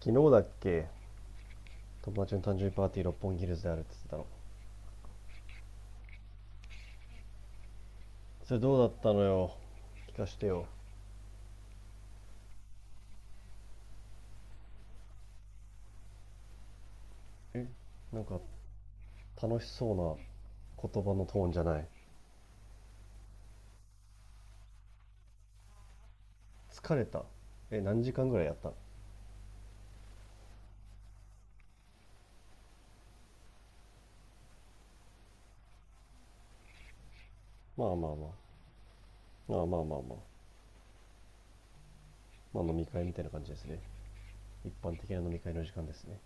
昨日だっけ？友達の誕生日パーティー六本木ヒルズであるって言ってたの？それどうだったのよ。聞かしてよ。え、なんか楽しそうな言葉のトーンじゃない？疲れた？え、何時間ぐらいやったの？まあまあまあまあ、まあまあまあまあ、飲み会みたいな感じですね。一般的な飲み会の時間ですね。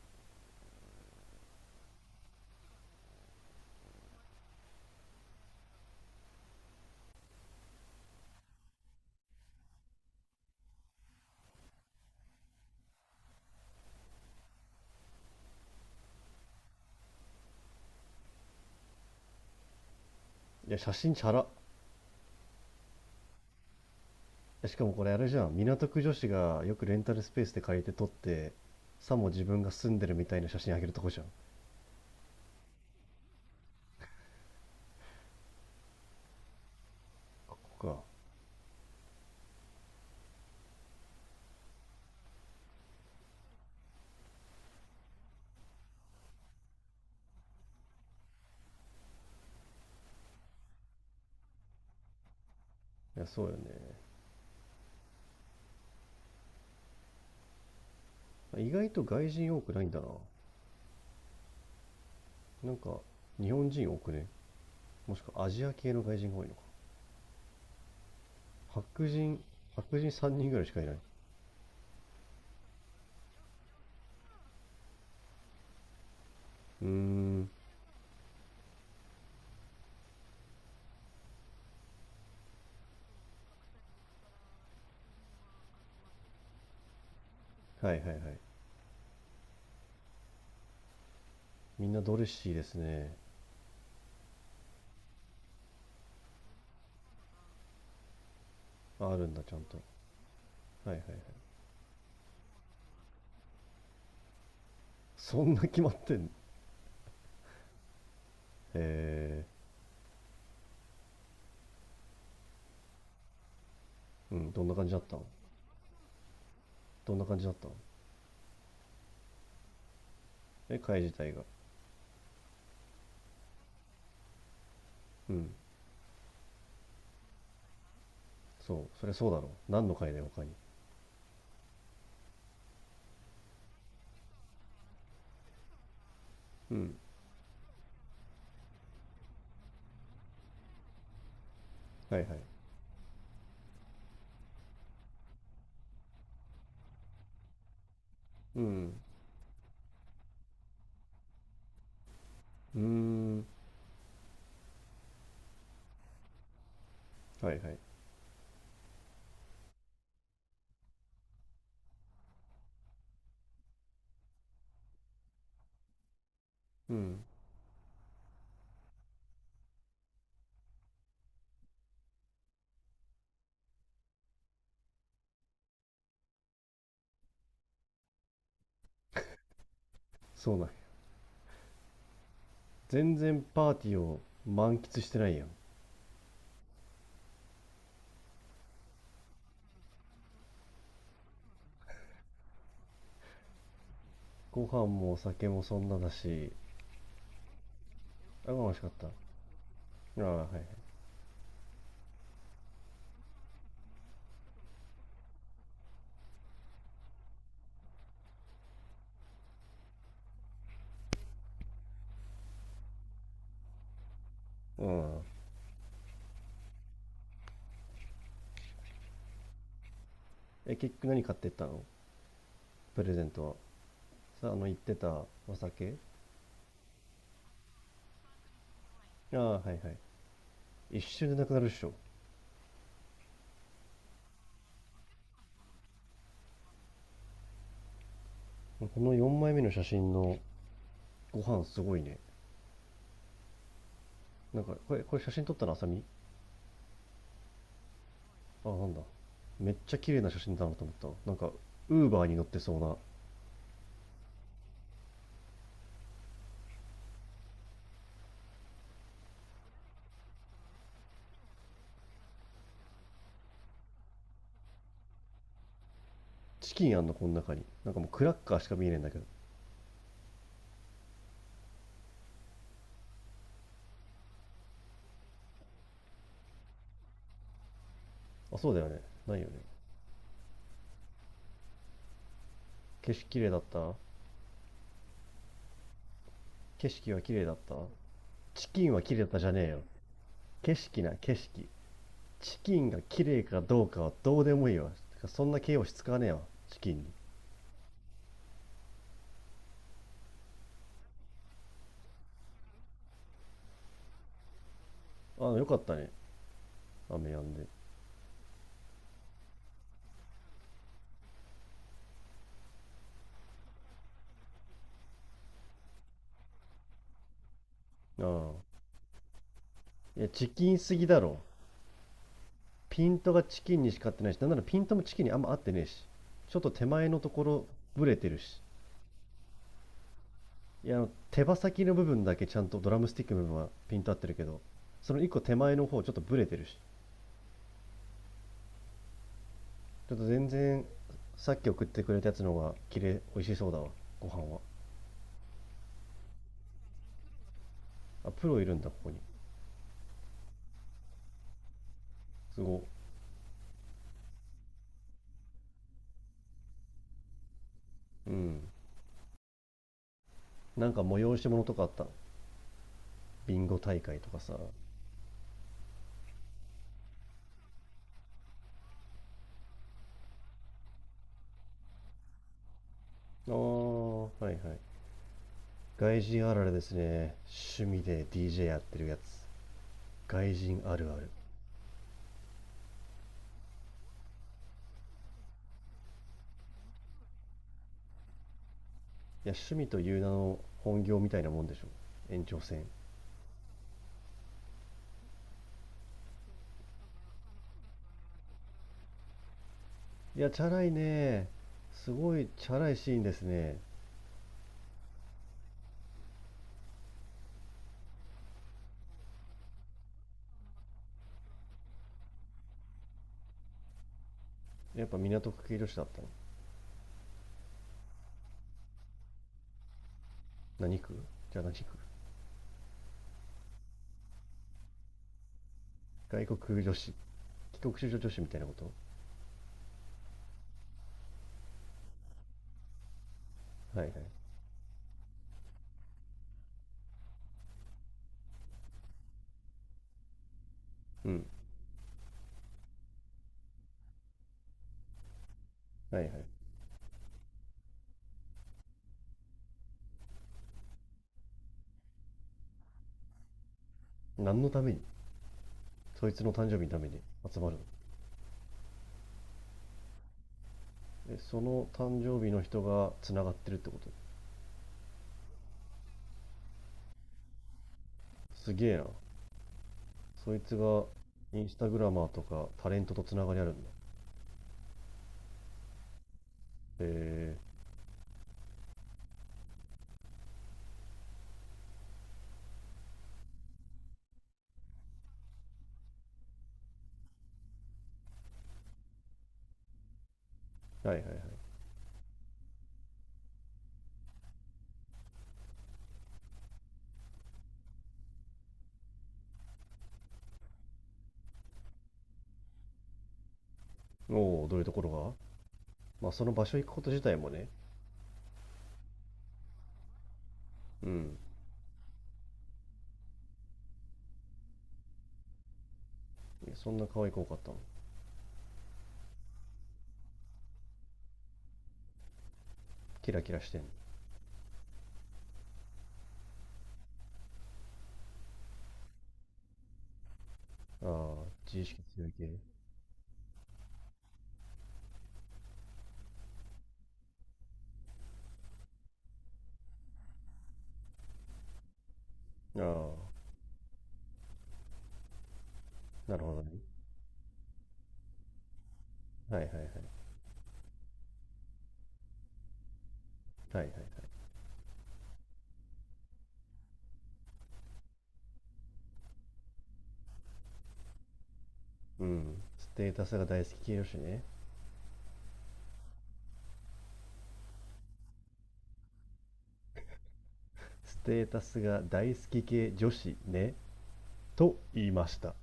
いや、写真チャラ。しかもこれあれじゃん、港区女子がよくレンタルスペースで借りて撮って、さも自分が住んでるみたいな写真あげるとこじゃん。ここか。いや、そうよね。意外と外人多くないんだな。なんか、日本人多くね？もしくはアジア系の外人が多いのか。白人白人3人ぐらいしかいない。うーん。はいはいはい。みんなドレッシーですね。ああるんだ、ちゃんとはいはいはい。そんな決まってんの？えー、うん、どんな感じだったの？どんな感じだったの？え、会自体が。うん。そう、そりゃそうだろう、何の会だよ他に。うん。はいはい。うん。うーん。はいはい。うん。そうなんや。全然パーティーを満喫してないやん。ご飯もお酒もそんなだし、あ、美味しかった。ああ、はいはい。うん。え、結局何買ってったの、プレゼントは。さあ、あの、言ってたお酒。ああ、はいはい。一瞬でなくなるっしょ。この4枚目の写真のご飯すごいね。なんか、これ写真撮ったのあさみ？あ、なんだ。めっちゃ綺麗な写真だなと思った。なんか、ウーバーに乗ってそうな。チキンあんの、この中に。なんかもうクラッカーしか見えねえんだけど。あ、そうだよね。ないよね。景色綺麗だった？景色は綺麗だった？チキンは綺麗だったじゃねえよ。景色な、景色。チキンが綺麗かどうかはどうでもいいわ、てか、そんな形容詞使わねえわ。チキンに。あ、よかったね、雨止んで。ああ、いや、チキンすぎだろ。ピントがチキンにしか合ってないし、なんならピントもチキンにあんま合ってねえし、ちょっと手前のところブレてるし。いや、あの手羽先の部分だけ、ちゃんとドラムスティックの部分はピント合ってるけど、その一個手前の方ちょっとブレてるし、ちょっと全然。さっき送ってくれたやつの方が綺麗、美味しそうだわ、ご飯は。あ、プロいるんだここに？すごい。うん。なんか催し物とかあったの、ビンゴ大会とかさ。ああ、はいはい。外人あるあるですね。趣味で DJ やってるやつ。外人あるある。いや、趣味という名の本業みたいなもんでしょ。延長線。いや、チャラいね。すごいチャラいシーンですね。やっぱ港区系女子だったの？何区？じゃあ何区？外国女子。帰国子女女子みたいなこと？はいはい。うん。はいはい。何のために？そいつの誕生日のために集まるの？でその誕生日の人がつながってるってこと？すげえな、そいつが。インスタグラマーとかタレントとつながりあるんだ。えー。はいはいはい。おお、どういうところが。まあその場所行くこと自体もね。うん。そんな可愛く多かったの？キラキラしてんの？ああ、自意識強い系。ああ、なるほどね。はいはいはいはい。はいはい。うん、ステータスが大好き系女子ね。ステータスが大好き系女子ねと言いました。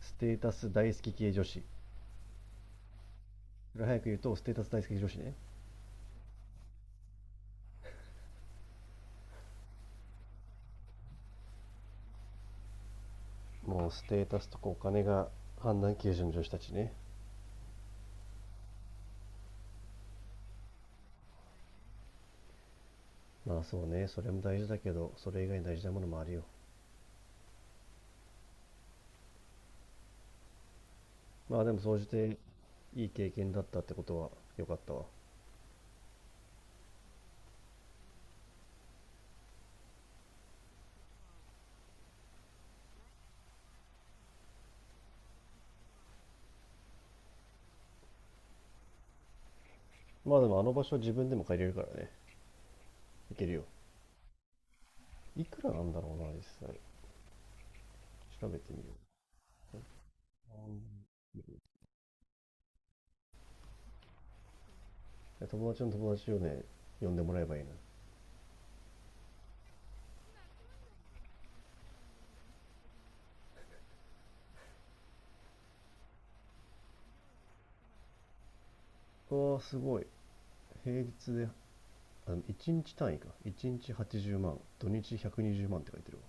ステータス大好き系女子。それ早く言うとステータス大好き女子ね。もうステータスとかお金が判断基準の女子たちね。まあそうね、それも大事だけどそれ以外に大事なものもあるよ。まあでも総じていい経験だったってことは、良かったわ。まあでもあの場所は自分でも借りれるからね、行けるよ。いくらなんだろうな、実際。調べてみよ。ううん、友達の友達をね、呼んでもらえばいいな。ああ、すごい。平日で、あ、1日単位か。1日80万、土日120万って書いてるわ。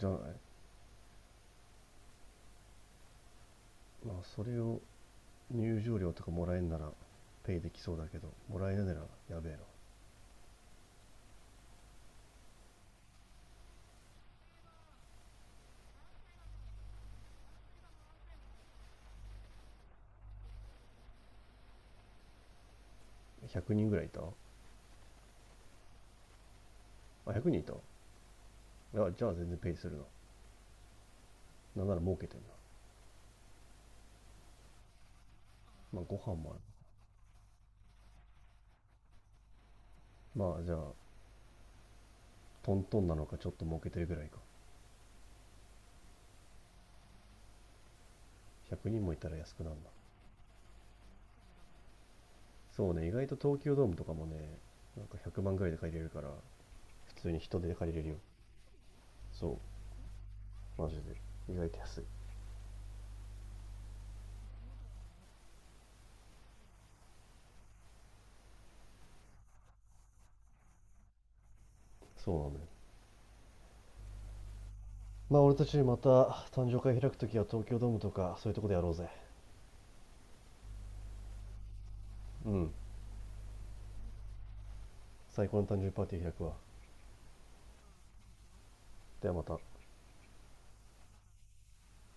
じゃない？まあそれを入場料とかもらえんならペイできそうだけど、もらえないならやべえな。100人ぐらいいたあ、100人いた、いや、じゃあ全然ペイするな。なんなら儲けてんな。まあご飯もある。まあじゃあ、トントンなのかちょっと儲けてるぐらいか。100人もいたら安くなるな。そうね、意外と東京ドームとかもね、なんか100万ぐらいで借りれるから、普通に人手で借りれるよ。そう、マジで。意外と安い。そうなんだよ。まあ俺たちまた誕生会開くときは東京ドームとかそういうとこでやろうぜ。うん。最高の誕生日パーティー開くわ。ではまた。